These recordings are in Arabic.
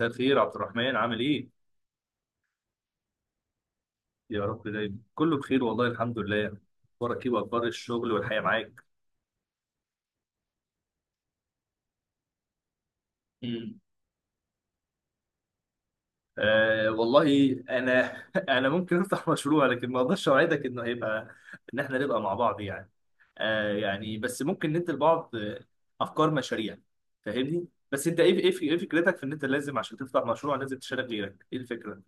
مساء الخير عبد الرحمن، عامل ايه؟ يا رب دايما كله بخير والله الحمد لله. اخبارك ايه واخبار الشغل والحياه معاك؟ مم. آه والله انا انا ممكن افتح مشروع لكن ما اقدرش اوعدك انه هيبقى ان احنا نبقى مع بعض يعني. آه يعني بس ممكن ندي لبعض افكار مشاريع. فاهمني؟ بس انت ايه فكرتك في ان انت لازم عشان تفتح مشروع لازم تشارك غيرك، ايه الفكره؟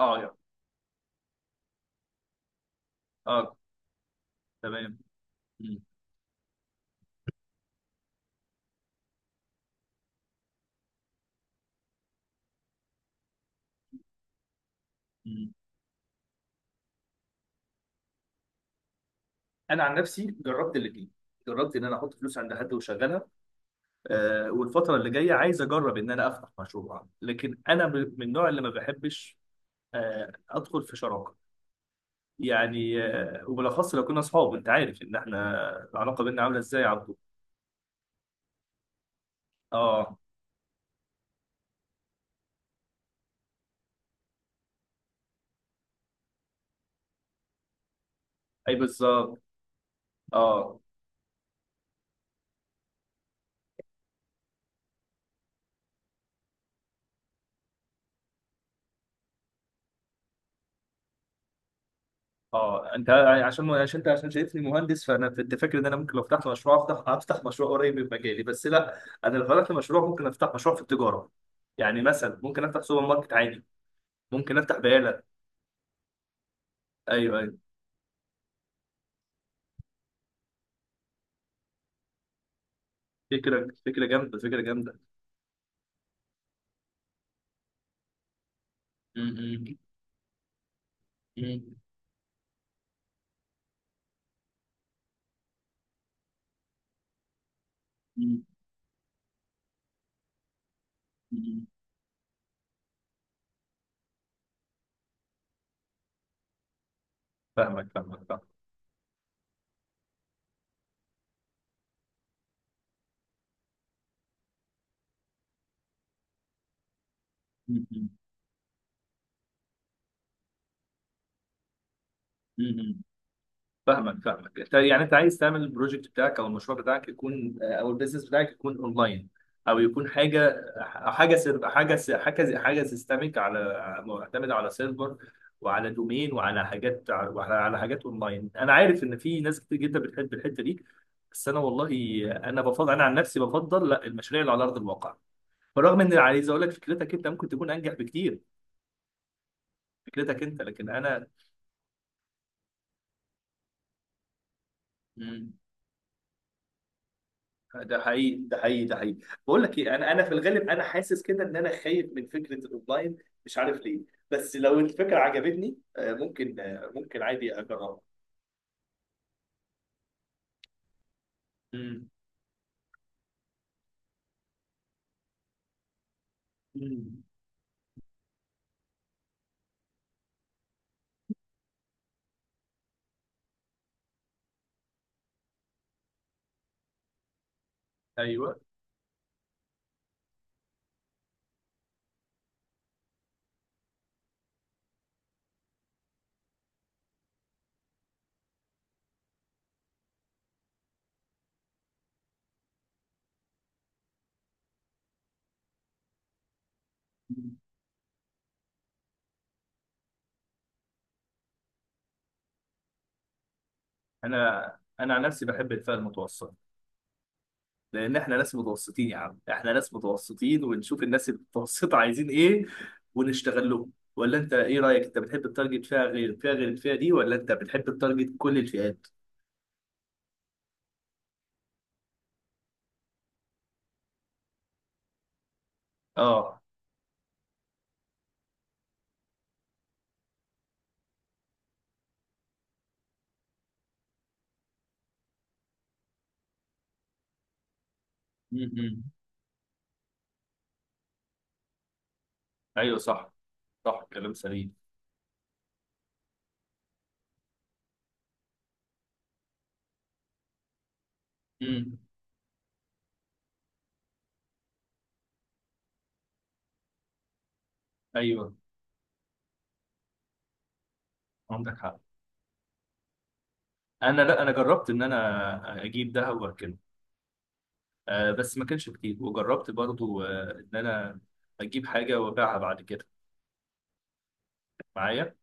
اه يعني. اه. تمام. مم. مم. انا عن نفسي جربت الاثنين. جربت ان انا احط فلوس عند حد واشغلها. والفترة اللي جاية عايز أجرب إن أنا أفتح مشروع، لكن أنا من النوع اللي ما بحبش أدخل في شراكة. يعني وبالأخص لو كنا أصحاب، أنت عارف إن إحنا العلاقة بينا عاملة إزاي يا عبدو. أه. أي بالظبط. أه. أه أنت عشان شايفني مهندس، فأنا كنت فاكر إن أنا ممكن لو فتحت مشروع أفتح مشروع قريب من مجالي، بس لا أنا لو فتحت مشروع ممكن أفتح مشروع في التجارة. يعني مثلا ممكن أفتح سوبر ماركت عادي. ممكن أفتح بقالة. أيوه أيوه. فكرة فكرة جامدة، فكرة جامدة. م- م- م- م- فاهمك فاهمك فاهمك. م- م- م- فاهمك فاهمك. يعني انت عايز تعمل البروجكت بتاعك او المشروع بتاعك يكون او البيزنس بتاعك يكون اونلاين، او يكون حاجه، حاجه سيستميك، على معتمده على سيرفر وعلى دومين وعلى حاجات وعلى حاجات اونلاين. انا عارف ان في ناس كتير جدا بتحب الحته دي، بس انا والله انا عن نفسي بفضل لا، المشاريع اللي على ارض الواقع، بالرغم ان عايز اقول لك فكرتك انت ممكن تكون انجح بكتير. فكرتك انت، لكن انا. مم. ده حقيقي، ده حقيقي، ده حقيقي. بقول لك ايه، انا في الغالب انا حاسس كده ان انا خايف من فكره الاونلاين، مش عارف ليه. بس لو الفكره عجبتني ممكن عادي اجربها. مم. مم. ايوه. مم. انا عن نفسي بحب الفئه المتوسطه، لان احنا ناس متوسطين يا عم، احنا ناس متوسطين ونشوف الناس المتوسطه عايزين ايه ونشتغل لهم. ولا انت ايه رايك، انت بتحب التارجت فئه غير فئه، غير الفئه دي، ولا انت بتحب التارجت كل الفئات؟ اه. امم. ايوه صح. صح كلام سليم. امم. ايوه. عندك حق. انا لا، انا جربت ان انا اجيب دهب واركنه، بس ما كانش كتير. وجربت برضو ان انا اجيب حاجه وابيعها بعد كده، معايا.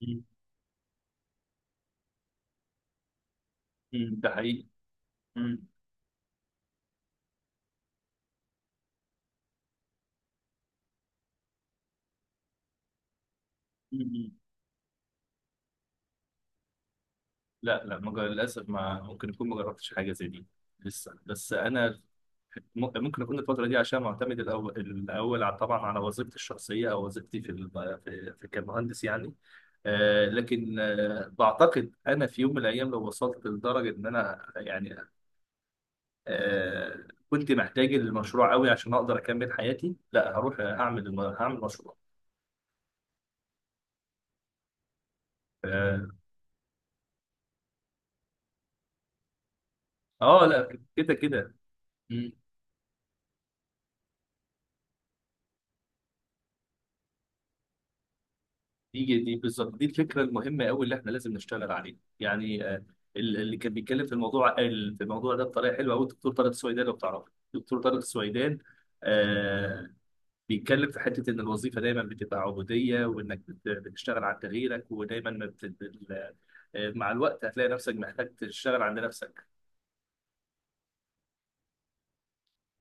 مم. مم، ده حقيقي. مم. مم. لا لا، ما جر- للاسف ما ممكن يكون ما جربتش حاجه زي دي لسه. بس انا ممكن اكون الفتره دي عشان معتمد الاول الاول، طبعا على وظيفتي الشخصيه او وظيفتي في في كمهندس يعني. لكن بعتقد انا في يوم من الايام لو وصلت لدرجه ان انا يعني كنت محتاج المشروع قوي عشان اقدر اكمل حياتي، لا هروح اعمل هعمل مشروع. اه. لا كده كده. دي بالظبط دي الفكره المهمه قوي اللي احنا لازم نشتغل عليها. يعني اللي كان بيتكلم في الموضوع في الموضوع ده بطريقه حلوه قوي الدكتور طارق السويدان، لو بتعرفه الدكتور طارق السويدان. آه. بيتكلم في حته ان الوظيفه دايما بتبقى عبوديه، وانك بتشتغل على تغييرك، ودايما ما بت... ال- مع الوقت هتلاقي نفسك محتاج تشتغل عند نفسك.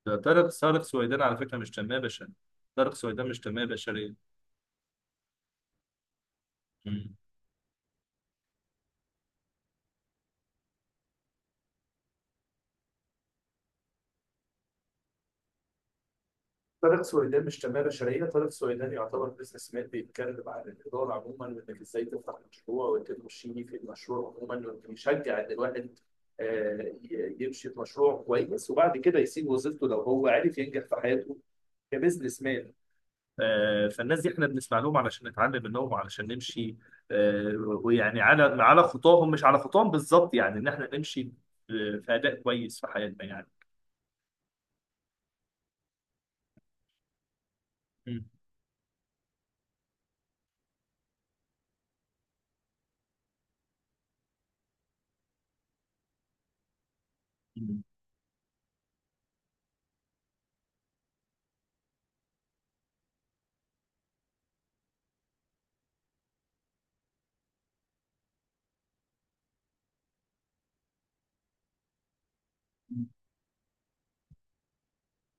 ده طارق سويدان على فكره مش تنميه بشريه. طارق سويدان مش تنميه بشريه. طارق سويدان مش تنمية بشرية، طارق سويدان يعتبر بزنس مان، بيتكلم عن الإدارة عموما وإنك إزاي تفتح مشروع وإنك تمشي في المشروع عموما، وإنك يشجع إن الواحد يمشي في مشروع كويس وبعد كده يسيب وظيفته لو هو عرف ينجح في حياته كبزنس مان. فالناس دي احنا بنسمع لهم علشان نتعلم منهم وعلشان نمشي ويعني على خطاهم، مش على خطاهم بالظبط، يعني ان احنا نمشي في اداء كويس في حياتنا يعني.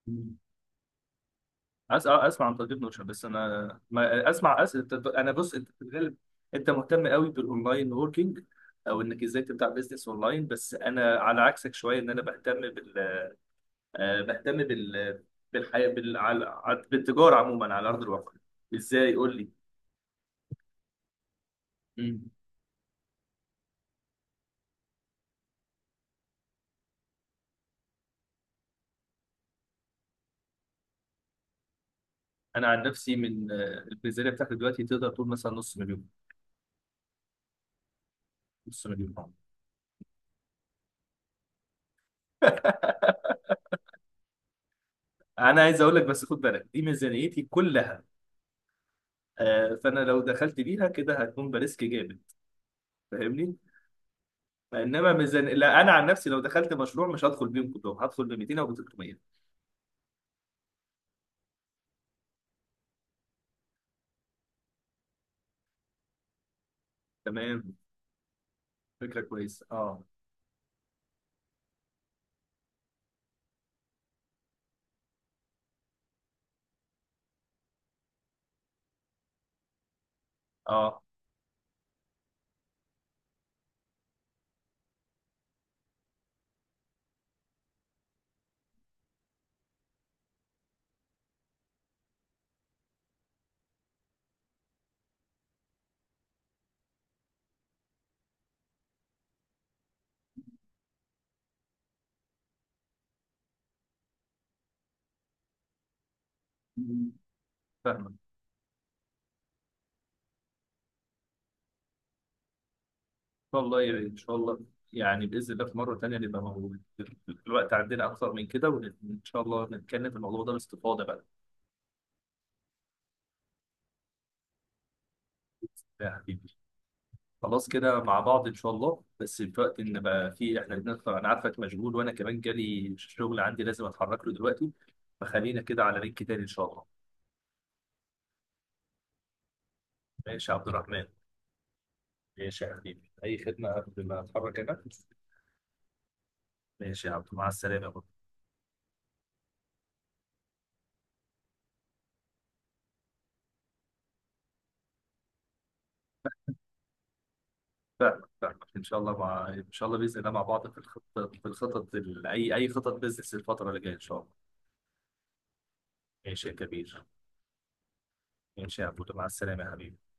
مم. اسمع عن تطبيق نوشن، بس انا ما اسمع انا بص، انت في الغالب انت مهتم قوي بالاونلاين ووركينج، او انك ازاي تبدا بزنس اونلاين. بس انا على عكسك شويه، ان انا بهتم آه، بهتم بال بالحياه، بالتجاره عموما على ارض الواقع. ازاي قول لي. مم. انا عن نفسي من آه، الميزانيه بتاعتي دلوقتي تقدر تقول مثلا نص مليون. نص مليون آه. انا عايز اقول لك بس خد بالك، دي ميزانيتي كلها. فانا لو دخلت بيها كده هتكون بريسك جامد. فاهمني. انما ميزان لا، انا عن نفسي لو دخلت مشروع مش هدخل بيهم كلهم، هدخل ب 200 او ب 300. تمام. فكره كويسه. اه. اه. مم. فاهمك. ان شاء الله يعني، ان شاء الله. يعني باذن الله في مره تانيه نبقى موجود، الوقت عندنا اكثر من كده، وان شاء الله نتكلم في الموضوع ده باستفاضه بقى. يا حبيبي. خلاص كده مع بعض ان شاء الله، بس في وقت ان بقى في احنا بنطلع، انا عارفك مشغول وانا كمان جالي شغل عندي لازم اتحرك له دلوقتي. فخلينا كده على لينك تاني ان شاء الله. ماشي يا عبد الرحمن. ماشي يا حبيبي، أي خدمة قبل ما أتحرك أنا. ماشي يا عبد مع السلامة برضه. فاهمك فاهمك إن شاء الله، إن شاء الله، بإذن الله، مع بعض في الخطط، في الخطط أي خطط بزنس الفترة اللي جاية إن شاء الله. ماشي يا كبير. ماشي يا عبود مع السلامة يا حبيبي.